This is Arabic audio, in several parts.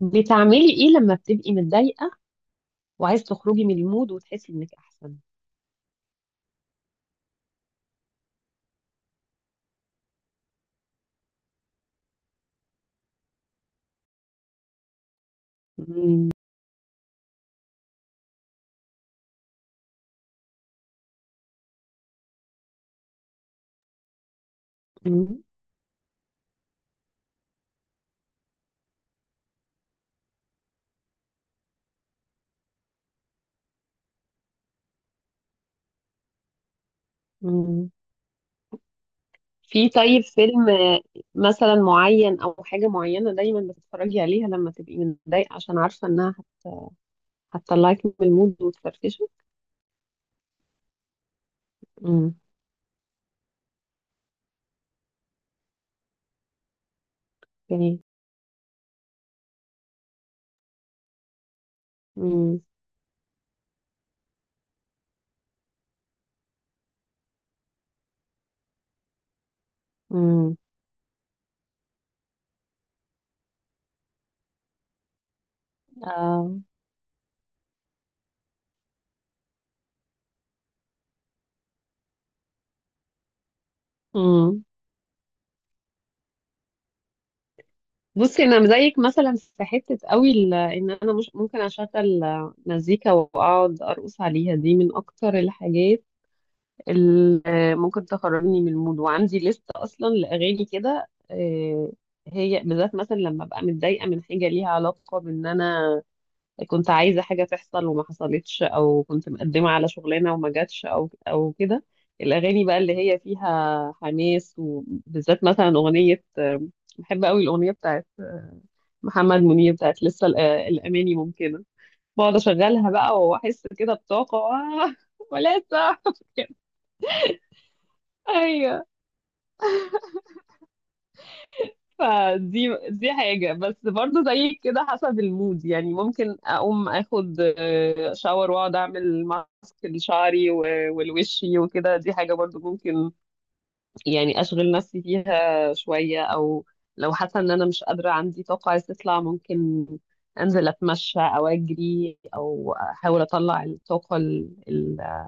بتعملي ايه لما بتبقي متضايقة وعايز تخرجي من المود وتحسي انك احسن؟ مم. مم. مم. في، طيب، فيلم مثلا معين او حاجة معينة دايما بتتفرجي عليها لما تبقي متضايقة عشان عارفة انها هت- هتطلعك من المود وتفرفشك؟ مم. جميل. مم. مم. آه. مم. بصي، انا زيك مثلا في حته قوي، ان انا مش ممكن اشغل مزيكا واقعد ارقص عليها. دي من اكتر الحاجات ممكن تخرجني من المود، وعندي لستة أصلا لأغاني كده. هي بالذات مثلا لما أبقى متضايقة من حاجة ليها علاقة بإن أنا كنت عايزة حاجة تحصل وما حصلتش، أو كنت مقدمة على شغلانة وما جاتش، أو كده. الأغاني بقى اللي هي فيها حماس، وبالذات مثلا أغنية بحب قوي الأغنية بتاعت محمد منير بتاعت لسه الأماني ممكنة. بقعد أشغلها بقى وأحس كده بطاقة. ولسه ايوه. فدي حاجة، بس برضو زي كده حسب المود، يعني ممكن أقوم أخد شاور وأقعد أعمل ماسك لشعري و- والوشي وكده. دي حاجة برضو ممكن يعني أشغل نفسي فيها شوية. أو لو حاسة إن أنا مش قادرة، عندي طاقة عايزة تطلع، ممكن أنزل أتمشى أو أجري أو أحاول أطلع الطاقة اللي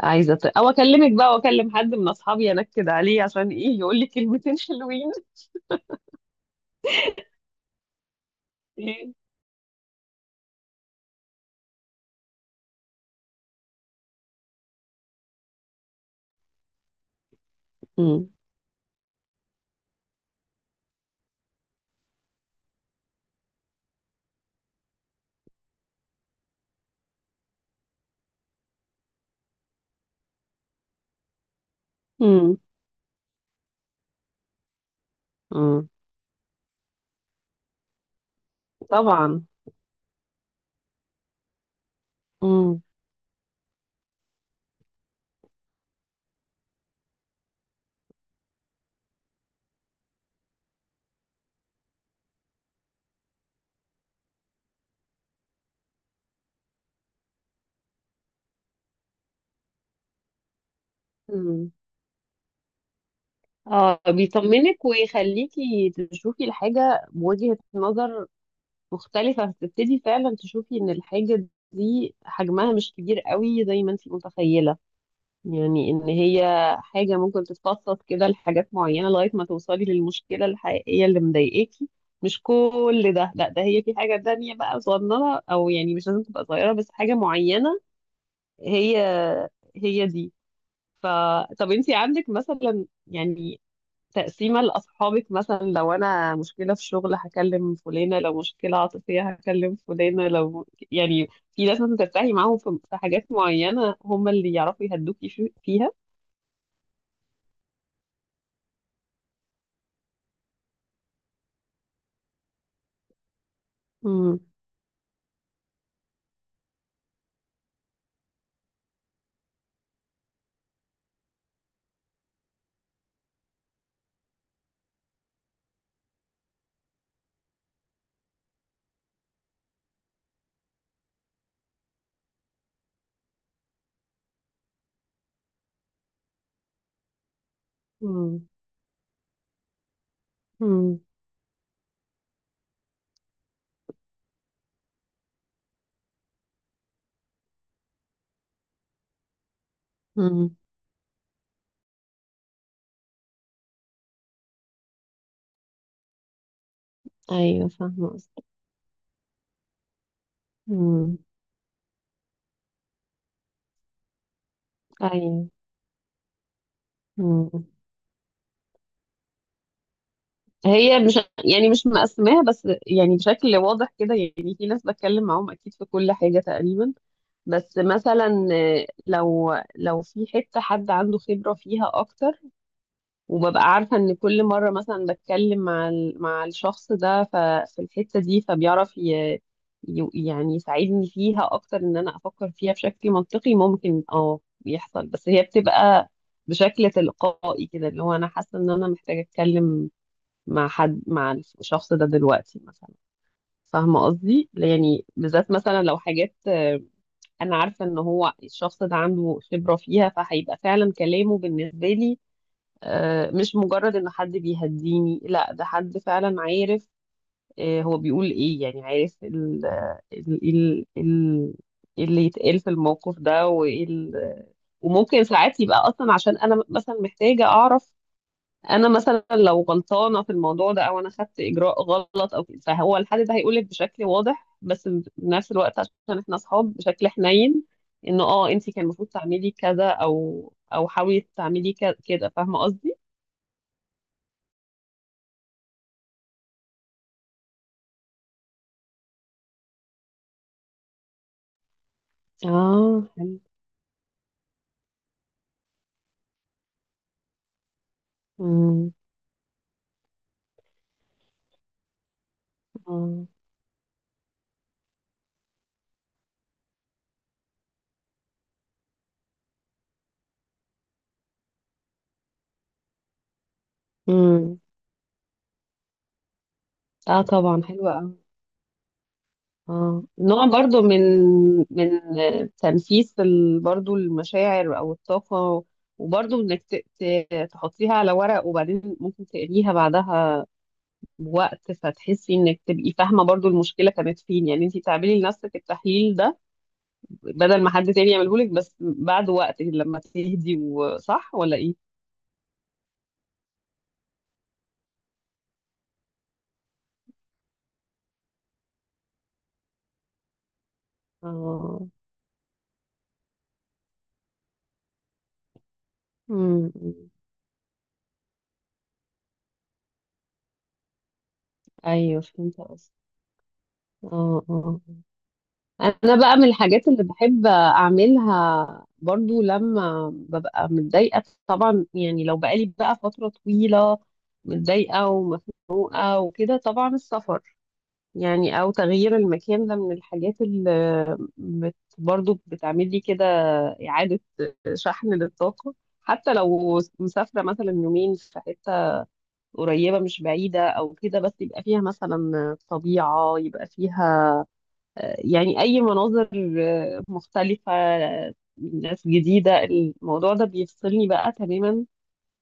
عايزة أو أكلمك بقى وأكلم حد من أصحابي أنكد عليه عشان إيه يقول لي كلمتين حلوين. مم. مم. طبعا. امم. مم. اه، بيطمنك ويخليكي تشوفي الحاجة بوجهة نظر مختلفة، فتبتدي فعلا تشوفي ان الحاجة دي حجمها مش كبير قوي زي ما انت متخيلة. يعني ان هي حاجة ممكن تتفصص كده لحاجات معينة لغاية ما توصلي للمشكلة الحقيقية اللي مضايقاكي. مش كل ده، لا، ده هي في حاجة تانية بقى صغننة، او يعني مش لازم تبقى صغيرة بس حاجة معينة هي هي دي. ف طب انتي عندك مثلا يعني تقسيمة لأصحابك؟ مثلا لو أنا مشكلة في شغل هكلم فلانة، لو مشكلة عاطفية هكلم فلانة، لو يعني في ناس مثلا ترتاحي معاهم في حاجات معينة هم اللي يعرفوا يهدوكي فيها. امم. امم. امم. امم. ايوه، فاهمه قصدك. امم. ايوه، هي مش يعني مش مقسماها بس يعني بشكل واضح كده. يعني في ناس بتكلم معاهم اكيد في كل حاجة تقريبا. بس مثلا لو في حتة حد عنده خبرة فيها اكتر، وببقى عارفة ان كل مرة مثلا بتكلم مع الشخص ده في الحتة دي، فبيعرف يعني يساعدني فيها اكتر، ان انا افكر فيها بشكل منطقي ممكن اه يحصل. بس هي بتبقى بشكل تلقائي كده، اللي هو انا حاسة ان انا محتاجة اتكلم مع حد، مع الشخص ده دلوقتي مثلا. فاهمة قصدي يعني؟ بالذات مثلا لو حاجات أنا عارفة إن هو الشخص ده عنده خبرة فيها، فهيبقى فعلا كلامه بالنسبة لي مش مجرد إن حد بيهديني، لا ده حد فعلا عارف هو بيقول إيه، يعني عارف ال ال ال ال اللي يتقال في الموقف ده، وإيه وممكن ساعات يبقى أصلا عشان أنا مثلا محتاجة أعرف انا مثلا لو غلطانه في الموضوع ده، او انا خدت اجراء غلط او كده، فهو الحد ده هيقولك بشكل واضح بس في نفس الوقت عشان احنا اصحاب بشكل حنين، انه انت كان المفروض تعملي كذا او حاولي تعملي كده. فاهمه قصدي؟ اه، حلو. امم. اه. امم. اه، طبعا حلوة. اه، نوع برضو من تنفيس برضو المشاعر او الطاقة، وبرضو انك تحطيها على ورق وبعدين ممكن تقريها بعدها بوقت، فتحسي انك تبقي فاهمة برضو المشكلة كانت فين. يعني انتي تعملي لنفسك التحليل ده بدل ما حد تاني يعمله لك، بس بعد وقت لما تهدي، وصح ولا ايه؟ اه. امم. ايوه فهمت قصدي. اه اه، انا بقى من الحاجات اللي بحب اعملها برضو لما ببقى متضايقه، طبعا يعني لو بقالي بقى فتره طويله متضايقه ومخنوقه وكده، طبعا السفر، يعني او تغيير المكان، ده من الحاجات اللي بت برضو بتعمل لي كده اعاده شحن للطاقه. حتى لو مسافره مثلا يومين في حته قريبه مش بعيده او كده، بس يبقى فيها مثلا طبيعه، يبقى فيها يعني أي مناظر مختلفة، ناس جديدة، الموضوع ده بيفصلني بقى تماما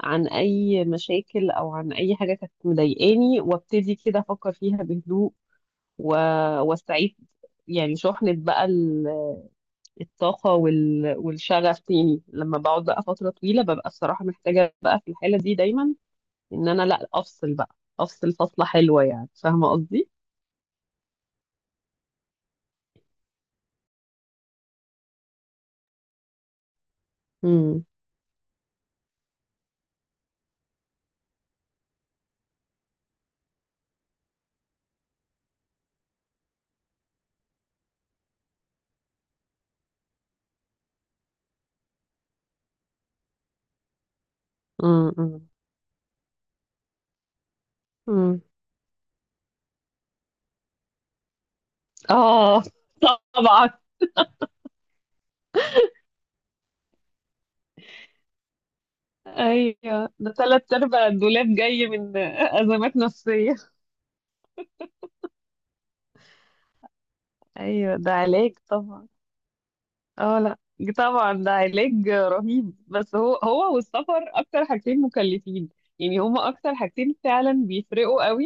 عن أي مشاكل، أو عن أي حاجة كانت مضايقاني، وابتدي كده أفكر فيها بهدوء و... واستعيد يعني شحنة بقى الطاقة والشغف تاني. لما بقعد بقى فترة طويلة ببقى الصراحة محتاجة بقى في الحالة دي دايما إن أنا لأ أفصل بقى أفصل فصلة حلوة. يعني فاهمة قصدي؟ امم. امم. امم. اه، طبعا. ايوه ده تلات ارباع الدولاب جاي من ازمات نفسيه. ايوه ده علاج طبعا. اه لا، طبعا ده علاج رهيب، بس هو والسفر اكتر حاجتين مكلفين يعني. هما اكتر حاجتين فعلا بيفرقوا قوي،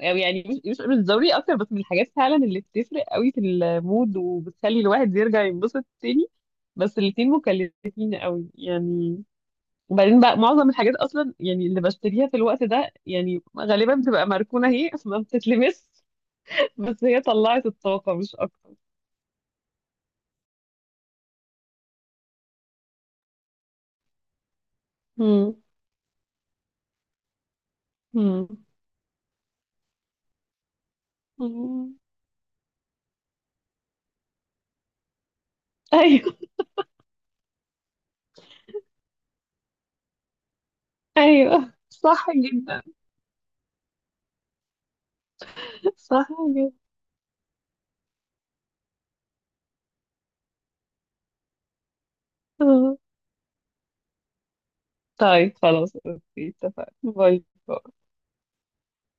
أو يعني مش ضروري اكتر، بس من الحاجات فعلا اللي بتفرق قوي في المود وبتخلي الواحد يرجع ينبسط تاني. بس الاتنين مكلفين قوي يعني. وبعدين بقى معظم الحاجات اصلا يعني اللي بشتريها في الوقت ده يعني غالبا بتبقى مركونه، هي ما بتتلمس. بس هي طلعت الطاقه مش اكتر. مم. مم. مم. ايوه. ايوه صح جدا. صح جدا. آه. طيب خلاص، اوكي، اتفقنا. باي باي.